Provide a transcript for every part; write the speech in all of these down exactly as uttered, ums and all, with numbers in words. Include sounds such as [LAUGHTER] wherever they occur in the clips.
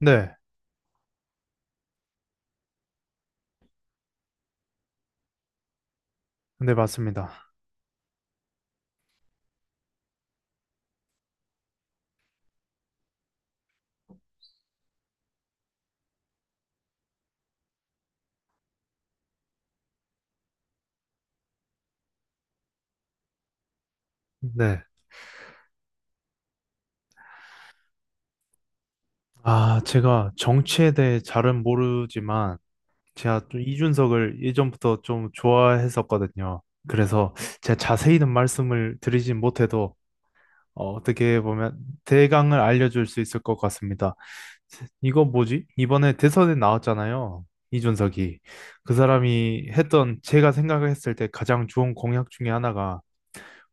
네, 네, 맞습니다. 네. 아, 제가 정치에 대해 잘은 모르지만, 제가 좀 이준석을 예전부터 좀 좋아했었거든요. 그래서 제가 자세히는 말씀을 드리진 못해도, 어, 떻게 보면 대강을 알려줄 수 있을 것 같습니다. 이거 뭐지? 이번에 대선에 나왔잖아요. 이준석이. 그 사람이 했던, 제가 생각했을 때 가장 좋은 공약 중에 하나가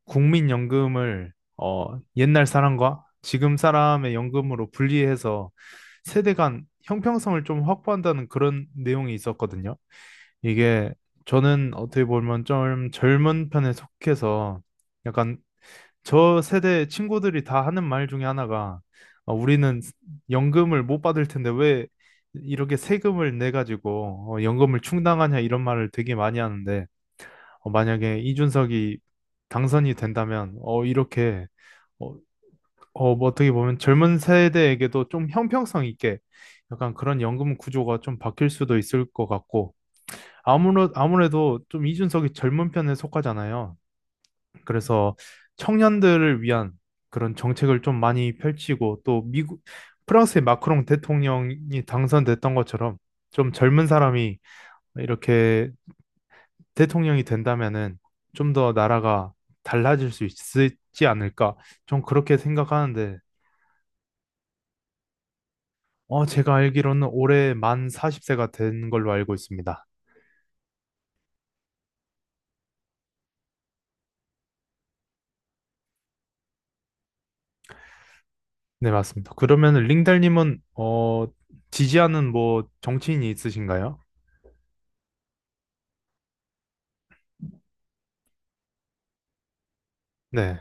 국민연금을 어, 옛날 사람과 지금 사람의 연금으로 분리해서 세대 간 형평성을 좀 확보한다는 그런 내용이 있었거든요. 이게 저는 어떻게 보면 좀 젊은 편에 속해서 약간 저 세대 친구들이 다 하는 말 중에 하나가 어, 우리는 연금을 못 받을 텐데 왜 이렇게 세금을 내 가지고 어, 연금을 충당하냐 이런 말을 되게 많이 하는데 어, 만약에 이준석이 당선이 된다면 어, 이렇게 어, 어, 뭐 어떻게 보면 젊은 세대에게도 좀 형평성 있게 약간 그런 연금 구조가 좀 바뀔 수도 있을 것 같고 아무래, 아무래도 좀 이준석이 젊은 편에 속하잖아요. 그래서 청년들을 위한 그런 정책을 좀 많이 펼치고 또 미국 프랑스의 마크롱 대통령이 당선됐던 것처럼 좀 젊은 사람이 이렇게 대통령이 된다면은 좀 더 나라가 달라질 수 있지 않을까? 좀 그렇게 생각하는데, 어, 제가 알기로는 올해 만 사십 세가 된 걸로 알고 있습니다. 네, 맞습니다. 그러면 링달님은, 어, 지지하는 뭐 정치인이 있으신가요? 네.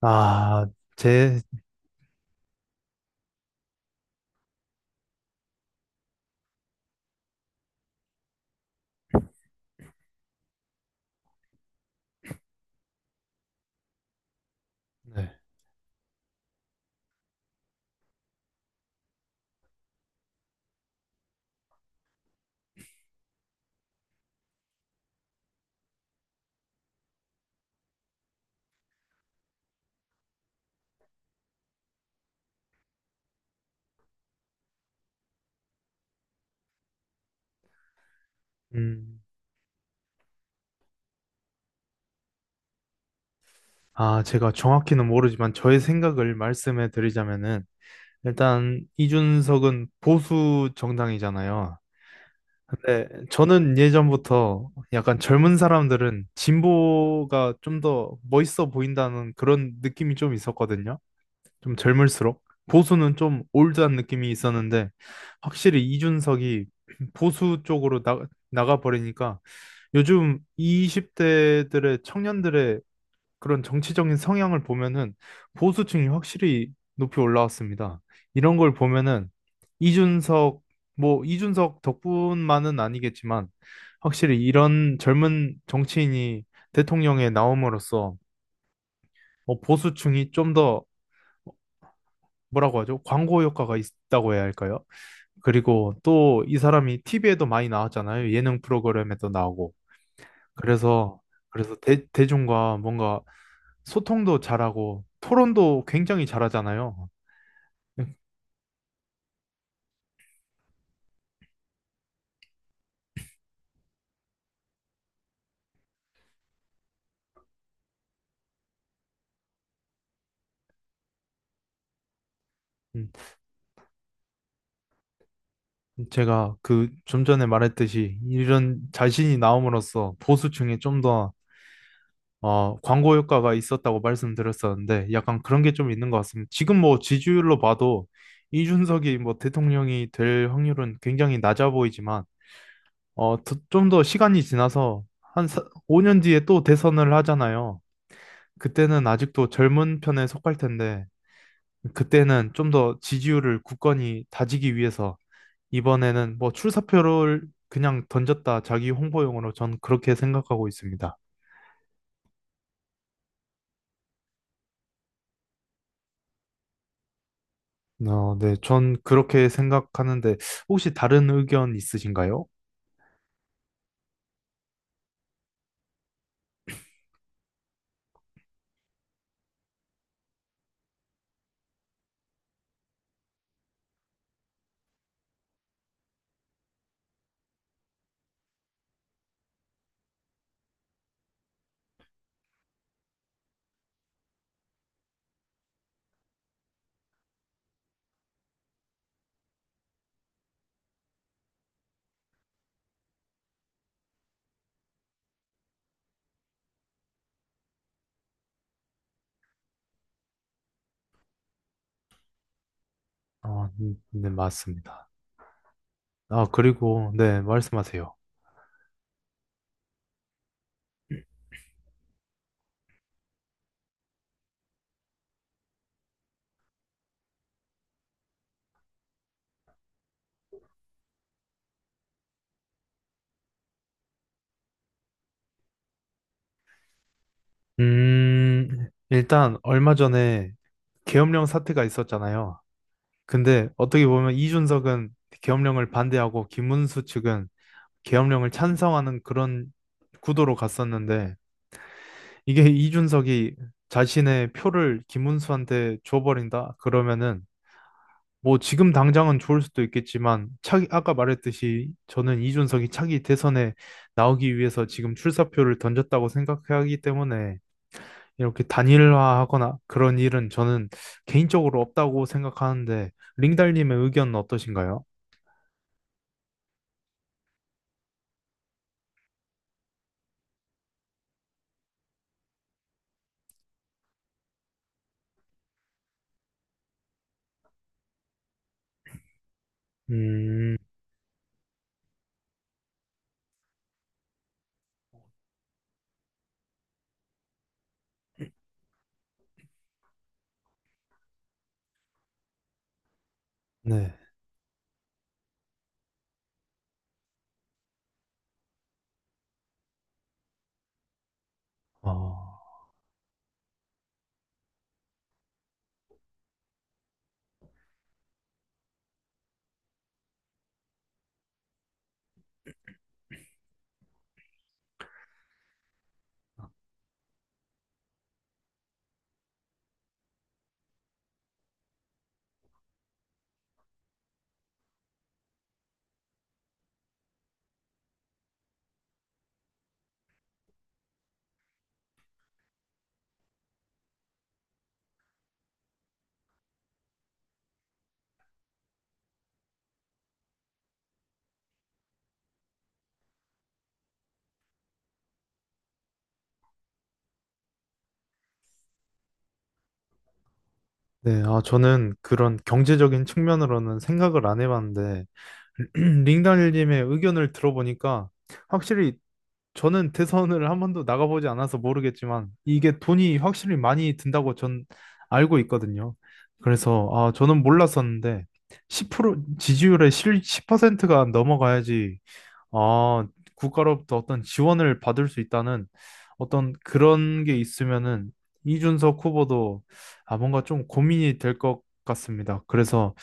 아, 제, 네. 음, 아, 제가 정확히는 모르지만 저의 생각을 말씀해 드리자면은, 일단 이준석은 보수 정당이잖아요. 네, 저는 예전부터 약간 젊은 사람들은 진보가 좀 더 멋있어 보인다는 그런 느낌이 좀 있었거든요. 좀 젊을수록. 보수는 좀 올드한 느낌이 있었는데, 확실히 이준석이 보수 쪽으로 나, 나가버리니까 요즘 이십 대들의 청년들의 그런 정치적인 성향을 보면은 보수층이 확실히 높이 올라왔습니다. 이런 걸 보면은 이준석, 뭐 이준석 덕분만은 아니겠지만 확실히 이런 젊은 정치인이 대통령에 나옴으로써 어, 보수층이 좀 더 뭐라고 하죠? 광고 효과가 있다고 해야 할까요? 그리고 또 이 사람이 티비에도 많이 나왔잖아요. 예능 프로그램에도 나오고. 그래서 그래서 대, 대중과 뭔가 소통도 잘하고 토론도 굉장히 잘하잖아요. 음, 음, 제가 그 좀 전에 말했듯이 이런 자신이 나옴으로써 보수층에 좀 더 어, 광고 효과가 있었다고 말씀드렸었는데 약간 그런 게 좀 있는 것 같습니다. 지금 뭐 지지율로 봐도 이준석이 뭐 대통령이 될 확률은 굉장히 낮아 보이지만 어, 좀 더 시간이 지나서 한 사- 오 년 뒤에 또 대선을 하잖아요. 그때는 아직도 젊은 편에 속할 텐데 그때는 좀 더 지지율을 굳건히 다지기 위해서 이번에는 뭐 출사표를 그냥 던졌다 자기 홍보용으로 전 그렇게 생각하고 있습니다. 어, 네, 전 그렇게 생각하는데 혹시 다른 의견 있으신가요? 아, 음, 네, 맞습니다. 아, 그리고 네, 말씀하세요. 음, 일단 얼마 전에 계엄령 사태가 있었잖아요. 근데 어떻게 보면 이준석은 계엄령을 반대하고 김문수 측은 계엄령을 찬성하는 그런 구도로 갔었는데 이게 이준석이 자신의 표를 김문수한테 줘버린다 그러면은 뭐 지금 당장은 좋을 수도 있겠지만 차기 아까 말했듯이 저는 이준석이 차기 대선에 나오기 위해서 지금 출사표를 던졌다고 생각하기 때문에 이렇게 단일화하거나 그런 일은 저는 개인적으로 없다고 생각하는데 링달님의 의견은 어떠신가요? 음, 네. 어. 네, 아, 저는 그런 경제적인 측면으로는 생각을 안 해봤는데, [CLEARS THROAT] 링달님의 의견을 들어보니까, 확실히 저는 대선을 한 번도 나가보지 않아서 모르겠지만, 이게 돈이 확실히 많이 든다고 전 알고 있거든요. 그래서, 아, 저는 몰랐었는데, 십 퍼센트 지지율의 십 퍼센트가 넘어가야지 아, 국가로부터 어떤 지원을 받을 수 있다는 어떤 그런 게 있으면은 이준석 후보도 아, 뭔가 좀 고민이 될 것 같습니다. 그래서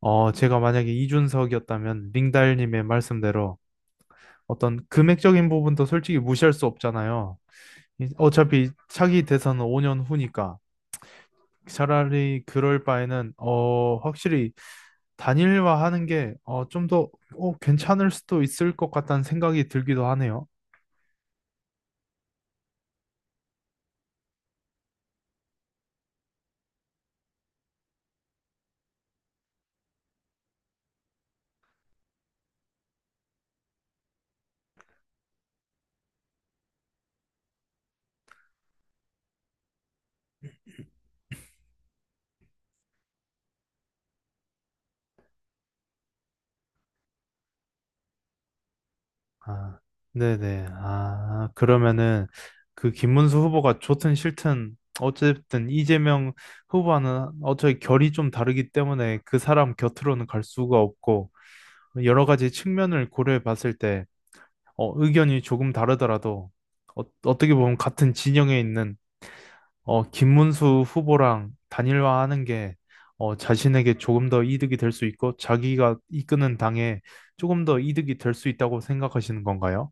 어, 제가 만약에 이준석이었다면 링달님의 말씀대로 어떤 금액적인 부분도 솔직히 무시할 수 없잖아요. 이- 어차피 차기 대선은 오 년 후니까 차라리 그럴 바에는 어, 확실히 단일화하는 게 어, 좀 더 어, 괜찮을 수도 있을 것 같다는 생각이 들기도 하네요. 아, 네네. 아, 그러면은 그 김문수 후보가 좋든 싫든 어쨌든 이재명 후보와는 어차피 결이 좀 다르기 때문에 그 사람 곁으로는 갈 수가 없고 여러 가지 측면을 고려해 봤을 때 어, 의견이 조금 다르더라도 어, 어떻게 보면 같은 진영에 있는 어, 김문수 후보랑 단일화하는 게 어, 자신에게 조금 더 이득이 될 수 있고 자기가 이끄는 당에 조금 더 이득이 될 수 있다고 생각하시는 건가요?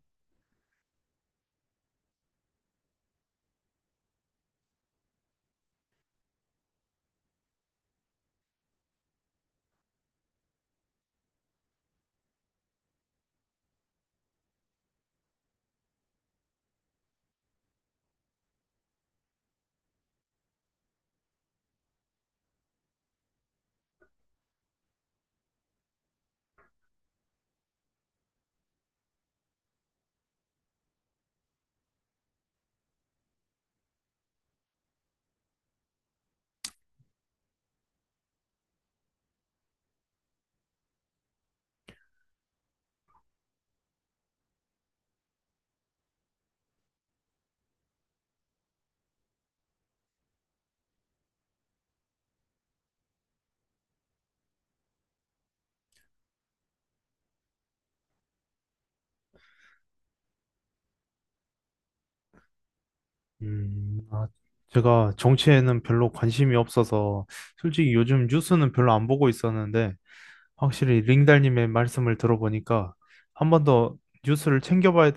음, 아, 제가 정치에는 별로 관심이 없어서 솔직히 요즘 뉴스는 별로 안 보고 있었는데 확실히 링달님의 말씀을 들어보니까 한 번 더 뉴스를 챙겨봐야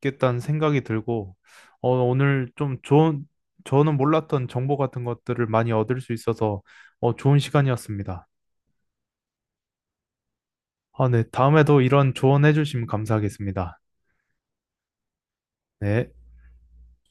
되겠다는 생각이 들고 어, 오늘 좀 좋은 저는 몰랐던 정보 같은 것들을 많이 얻을 수 있어서 어, 좋은 시간이었습니다. 아, 네. 다음에도 이런 조언해 주시면 감사하겠습니다. 네.